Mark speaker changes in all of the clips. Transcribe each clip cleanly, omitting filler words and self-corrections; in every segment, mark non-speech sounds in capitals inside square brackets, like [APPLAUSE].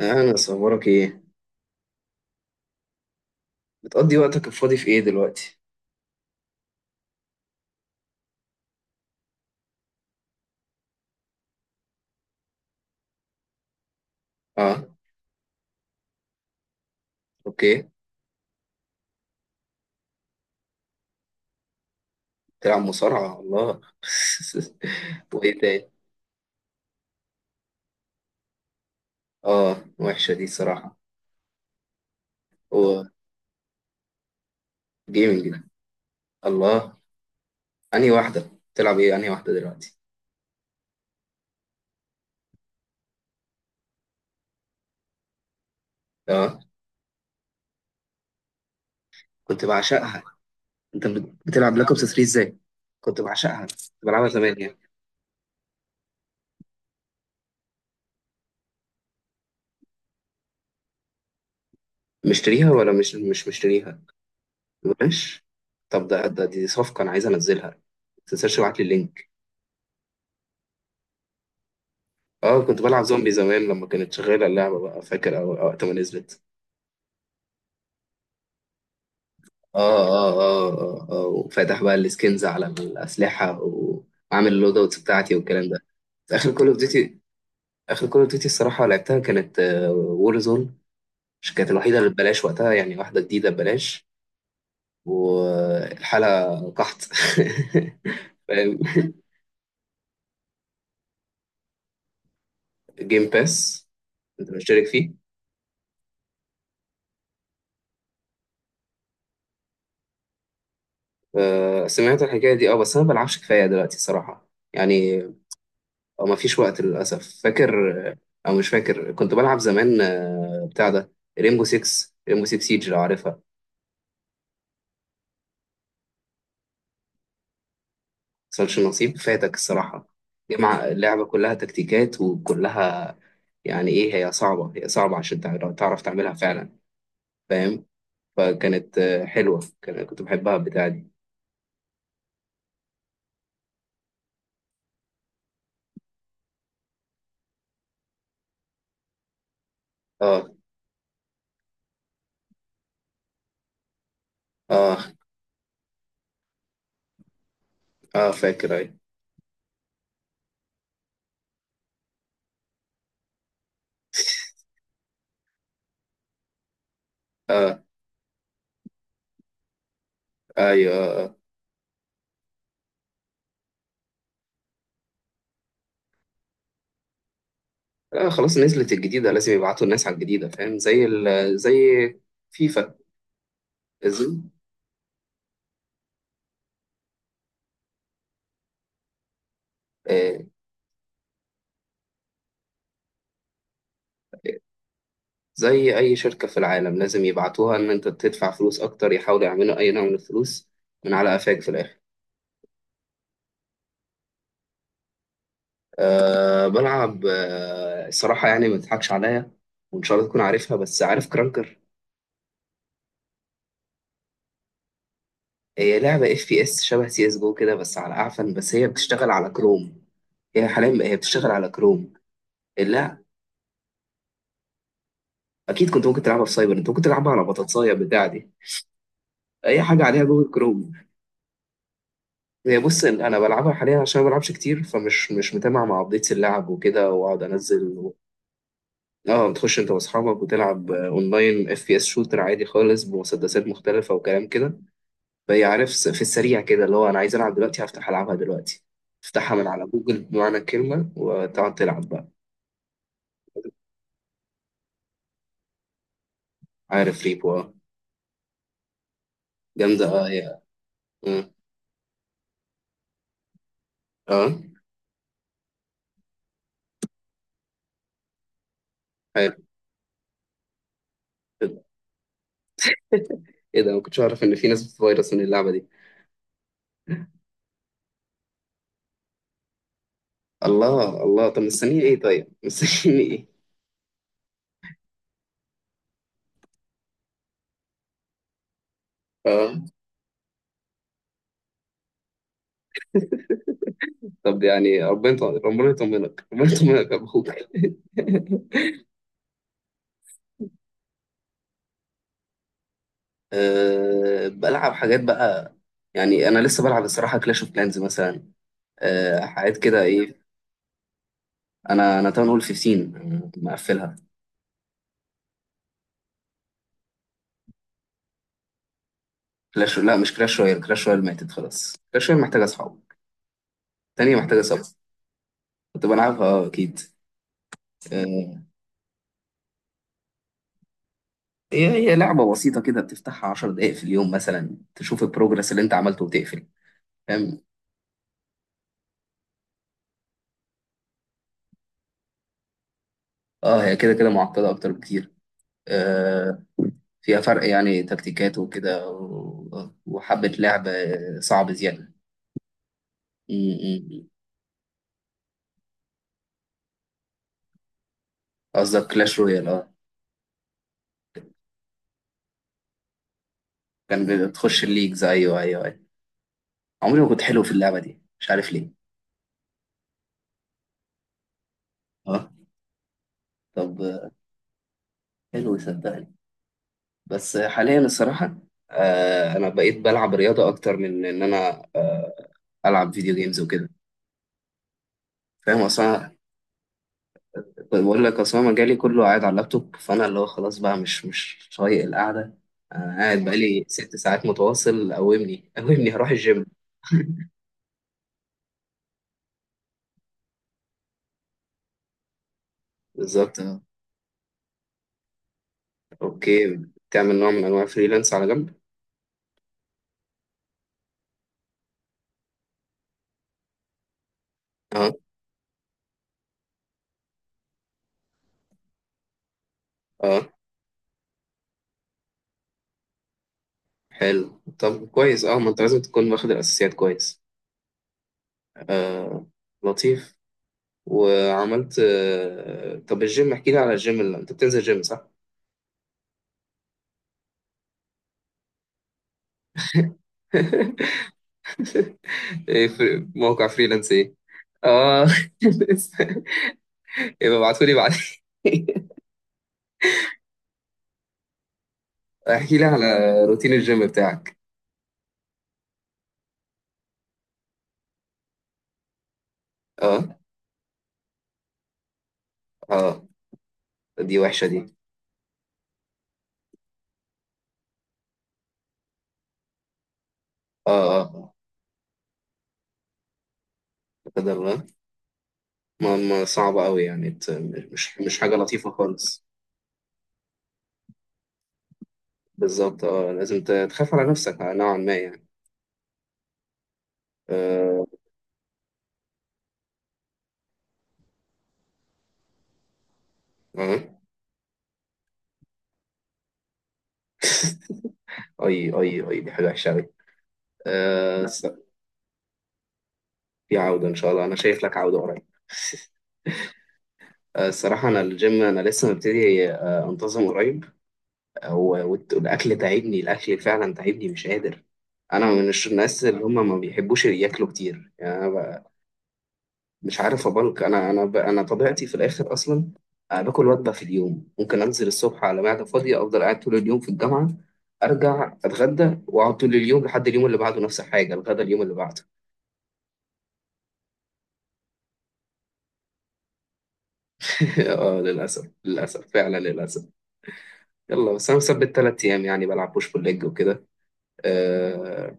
Speaker 1: انا اصورك ايه؟ بتقضي وقتك الفاضي في ايه دلوقتي؟ اه. اوكي. تلعب مصارعة؟ الله. [LAUGHS] وايه تاني؟ اه، وحشة دي صراحة. هو. جيمنج ده؟ الله. انهي واحدة بتلعب ايه؟ انهي واحدة دلوقتي؟ اه، كنت بعشقها. انت بتلعب بلاك اوبس 3 ازاي؟ كنت بعشقها، كنت بلعبها زمان يعني. مشتريها ولا مش مشتريها؟ ماشي. طب ده، دي صفقة انا عايز انزلها. ما تنساش تبعت لي اللينك. اه، كنت بلعب زومبي زمان لما كانت شغالة اللعبة بقى، فاكر وقت ما نزلت. اه، اه، اه، اه، اه، وفاتح بقى السكنز على الاسلحه وعامل اللود اوتس بتاعتي والكلام ده. في اخر كول اوف ديوتي، اخر كول اوف ديوتي الصراحه لعبتها كانت وور زون. مش كانت الوحيده اللي ببلاش وقتها يعني، واحده جديده ببلاش والحاله قحط. [LAUGHS] فاهم. جيم باس، كنت بشترك فيه. سمعت الحكايه دي. اه، بس انا ما بلعبش كفايه دلوقتي الصراحه يعني. او ما فيش وقت للاسف، فاكر او مش فاكر، كنت بلعب زمان، بتاع ده، ريمبو 6، ريمبو 6 سيج، لو عارفها. مصلش نصيب، فاتك الصراحه. جمع اللعبه كلها تكتيكات وكلها يعني. ايه، هي صعبه عشان تعرف تعملها فعلا. فاهم. فكانت حلوه، كنت بحبها البتاعه دي. اه، اه، اه، فاكر، ايوه، اه، ايوه، آه، آه، آه، خلاص نزلت الجديده، لازم يبعتوا الناس على الجديده، فاهم، زي فيفا، زي آه. زي أي شركة في العالم لازم يبعتوها إن أنت تدفع فلوس أكتر، يحاولوا يعملوا أي نوع من الفلوس من على قفاك في الآخر. أه، بلعب الصراحة يعني، ما تضحكش عليا. وإن شاء الله تكون عارفها، بس عارف كرانكر؟ هي لعبة اف بي اس شبه سي اس جو كده بس على أعفن، بس هي بتشتغل على كروم. هي حاليا هي بتشتغل على كروم. لا، أكيد كنت ممكن تلعبها في سايبر، أنت ممكن تلعبها على بطاطساية بتاع دي. أي حاجة عليها جوجل كروم. هي، بص انا بلعبها حاليا عشان ما بلعبش كتير، فمش مش متابع مع ابديتس اللعب وكده، واقعد انزل. اه، بتخش انت واصحابك وتلعب اونلاين، اف بي اس شوتر عادي خالص بمسدسات مختلفه وكلام كده. فهي، عارف، في السريع كده اللي هو انا عايز العب دلوقتي هفتح العبها دلوقتي، افتحها من على جوجل بمعنى الكلمه وتقعد تلعب بقى. عارف ريبو، اه. جامده، اه. يا، اه، آه، حلو. ايه ده؟ ما كنتش اعرف ان في ناس فيروس من اللعبه دي. الله، الله. طب مستنيين ايه؟ طيب مستنيين ايه؟ اه. طب يعني، ربنا ربنا يطمنك، ربنا يطمنك يا ابوك. أه، بلعب حاجات بقى يعني، انا لسه بلعب الصراحه كلاش اوف كلانز مثلا. أه، حاجات كده، ايه. انا تاون هول 15، مقفلها. كلاش، لا، مش كلاش رويال، كلاش رويال ماتت، خلاص كلاش رويال محتاجه اصحاب تانية، محتاجه صبر. كنت بلعبها، اكيد. أه، هي لعبه بسيطه كده، بتفتحها 10 دقائق في اليوم مثلا، تشوف البروجرس اللي انت عملته وتقفل. فاهم. اه، هي كده كده معقده اكتر بكتير. أه، فيها فرق يعني، تكتيكات وكده، وحبه لعب صعب زياده. امم. قصدك كلاش رويال، اه. كان بتخش الليجز، ايوه، ايوه، ايوه. عمري ما كنت حلو في اللعبه دي، مش عارف ليه. اه، طب حلو صدقني. بس حاليا الصراحه، آه، انا بقيت بلعب رياضه اكتر من ان انا العب فيديو جيمز وكده. فاهم اصلا، بقول لك اصلا مجالي كله قاعد على اللابتوب، فانا اللي هو خلاص بقى مش طايق القعده. انا قاعد بقالي 6 ساعات متواصل، قومني قومني هروح الجيم. [LAUGHS] بالظبط، اه. اوكي. بتعمل نوع من انواع فريلانس على جنب؟ اه، اه، حلو، طب كويس. اه، ما انت لازم تكون واخد الاساسيات كويس. آه، لطيف. وعملت آه طب الجيم، احكي لي على الجيم، اللي انت بتنزل جيم صح؟ [LAUGHS] ايه، في موقع فريلانس ايه؟ اه. [LAUGHS] لسه. يبقى ابعتولي بعدين. [LAUGHS] احكي لي على روتين الجيم بتاعك. اه، اه، دي وحشة دي. اه، اه، لا قدر الله. ما صعبة قوي يعني، مش حاجة لطيفة خالص. بالظبط، اه، لازم تخاف على نفسك نوعا ما يعني. آه، اه. [LAUGHS] اي اي اي، دي حاجه وحشه قوي. أه. في عوده ان شاء الله، انا شايف لك عوده قريب. [LAUGHS] الصراحة، أنا الجيم أنا لسه مبتدي، أنتظم قريب. والأكل تعبني، الأكل فعلا تعبني، مش قادر. أنا من الناس اللي هم ما بيحبوش ياكلوا كتير يعني، أنا. مش عارف أبلك، أنا. أنا طبيعتي في الآخر أصلا. باكل وجبة في اليوم، ممكن أنزل الصبح على معدة فاضية، أفضل قاعد طول اليوم في الجامعة، أرجع أتغدى وأقعد طول اليوم لحد اليوم اللي بعده نفس الحاجة، الغدا اليوم اللي بعده. [LAUGHS] اه، للأسف، للأسف، فعلا للأسف. يلا، بس أنا مثبت 3 أيام، يعني بلعب بوش بول ليج وكده. اه.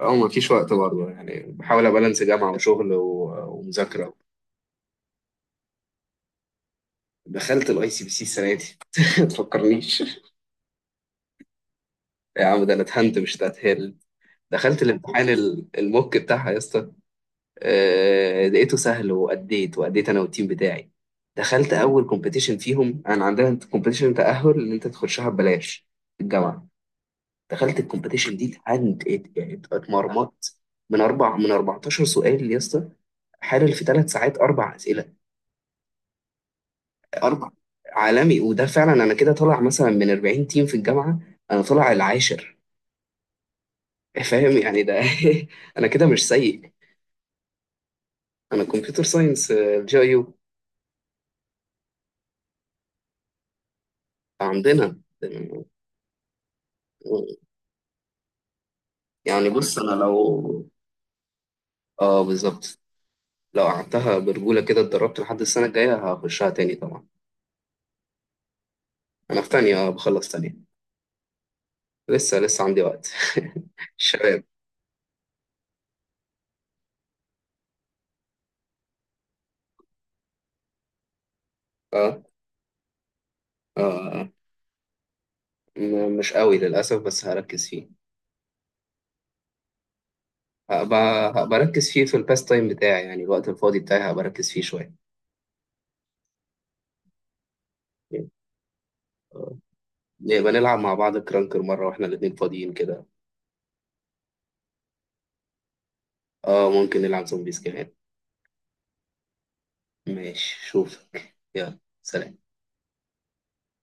Speaker 1: مفيش وقت برضه يعني، بحاول أبالانس جامعة وشغل ومذاكرة. دخلت الاي سي بي سي السنة دي. [LAUGHS] ما تفكرنيش. يا عم ده أنا اتهنت مش تتهل. دخلت الامتحان الموك بتاعها يا اسطى. لقيته سهل، وأديت وأديت أنا والتيم بتاعي. دخلت أول كومبيتيشن فيهم، أنا عندنا كومبيتيشن تأهل إن أنت تخشها ببلاش في الجامعة. دخلت الكومبيتيشن دي، اتعند، اتمرمطت. من 14 سؤال يا اسطى، حلل في 3 ساعات 4 اسئله. اربع، عالمي. وده فعلا، انا كده طالع مثلا من 40 تيم في الجامعه، انا طالع العاشر. [LAUGHS] فاهم يعني ده. [LAUGHS] انا كده مش سيء. انا كمبيوتر ساينس الجايو. عندنا. يعني بص انا لو، اه، بالظبط، لو قعدتها برجوله كده اتدربت لحد السنه الجايه، هخشها تاني طبعا. انا في تانية، بخلص تانية. لسه لسه عندي وقت. [LAUGHS] شباب. اه، اه، آه. مش قوي للأسف، بس هركز فيه. هبقى أركز فيه في الباس تايم بتاعي، يعني الوقت الفاضي بتاعي هبقى أركز فيه شوية. آه. نبقى نلعب مع بعض كرانكر مرة واحنا الاتنين فاضيين كده. اه، ممكن نلعب زومبيز كمان. ماشي، شوفك، يلا، سلام.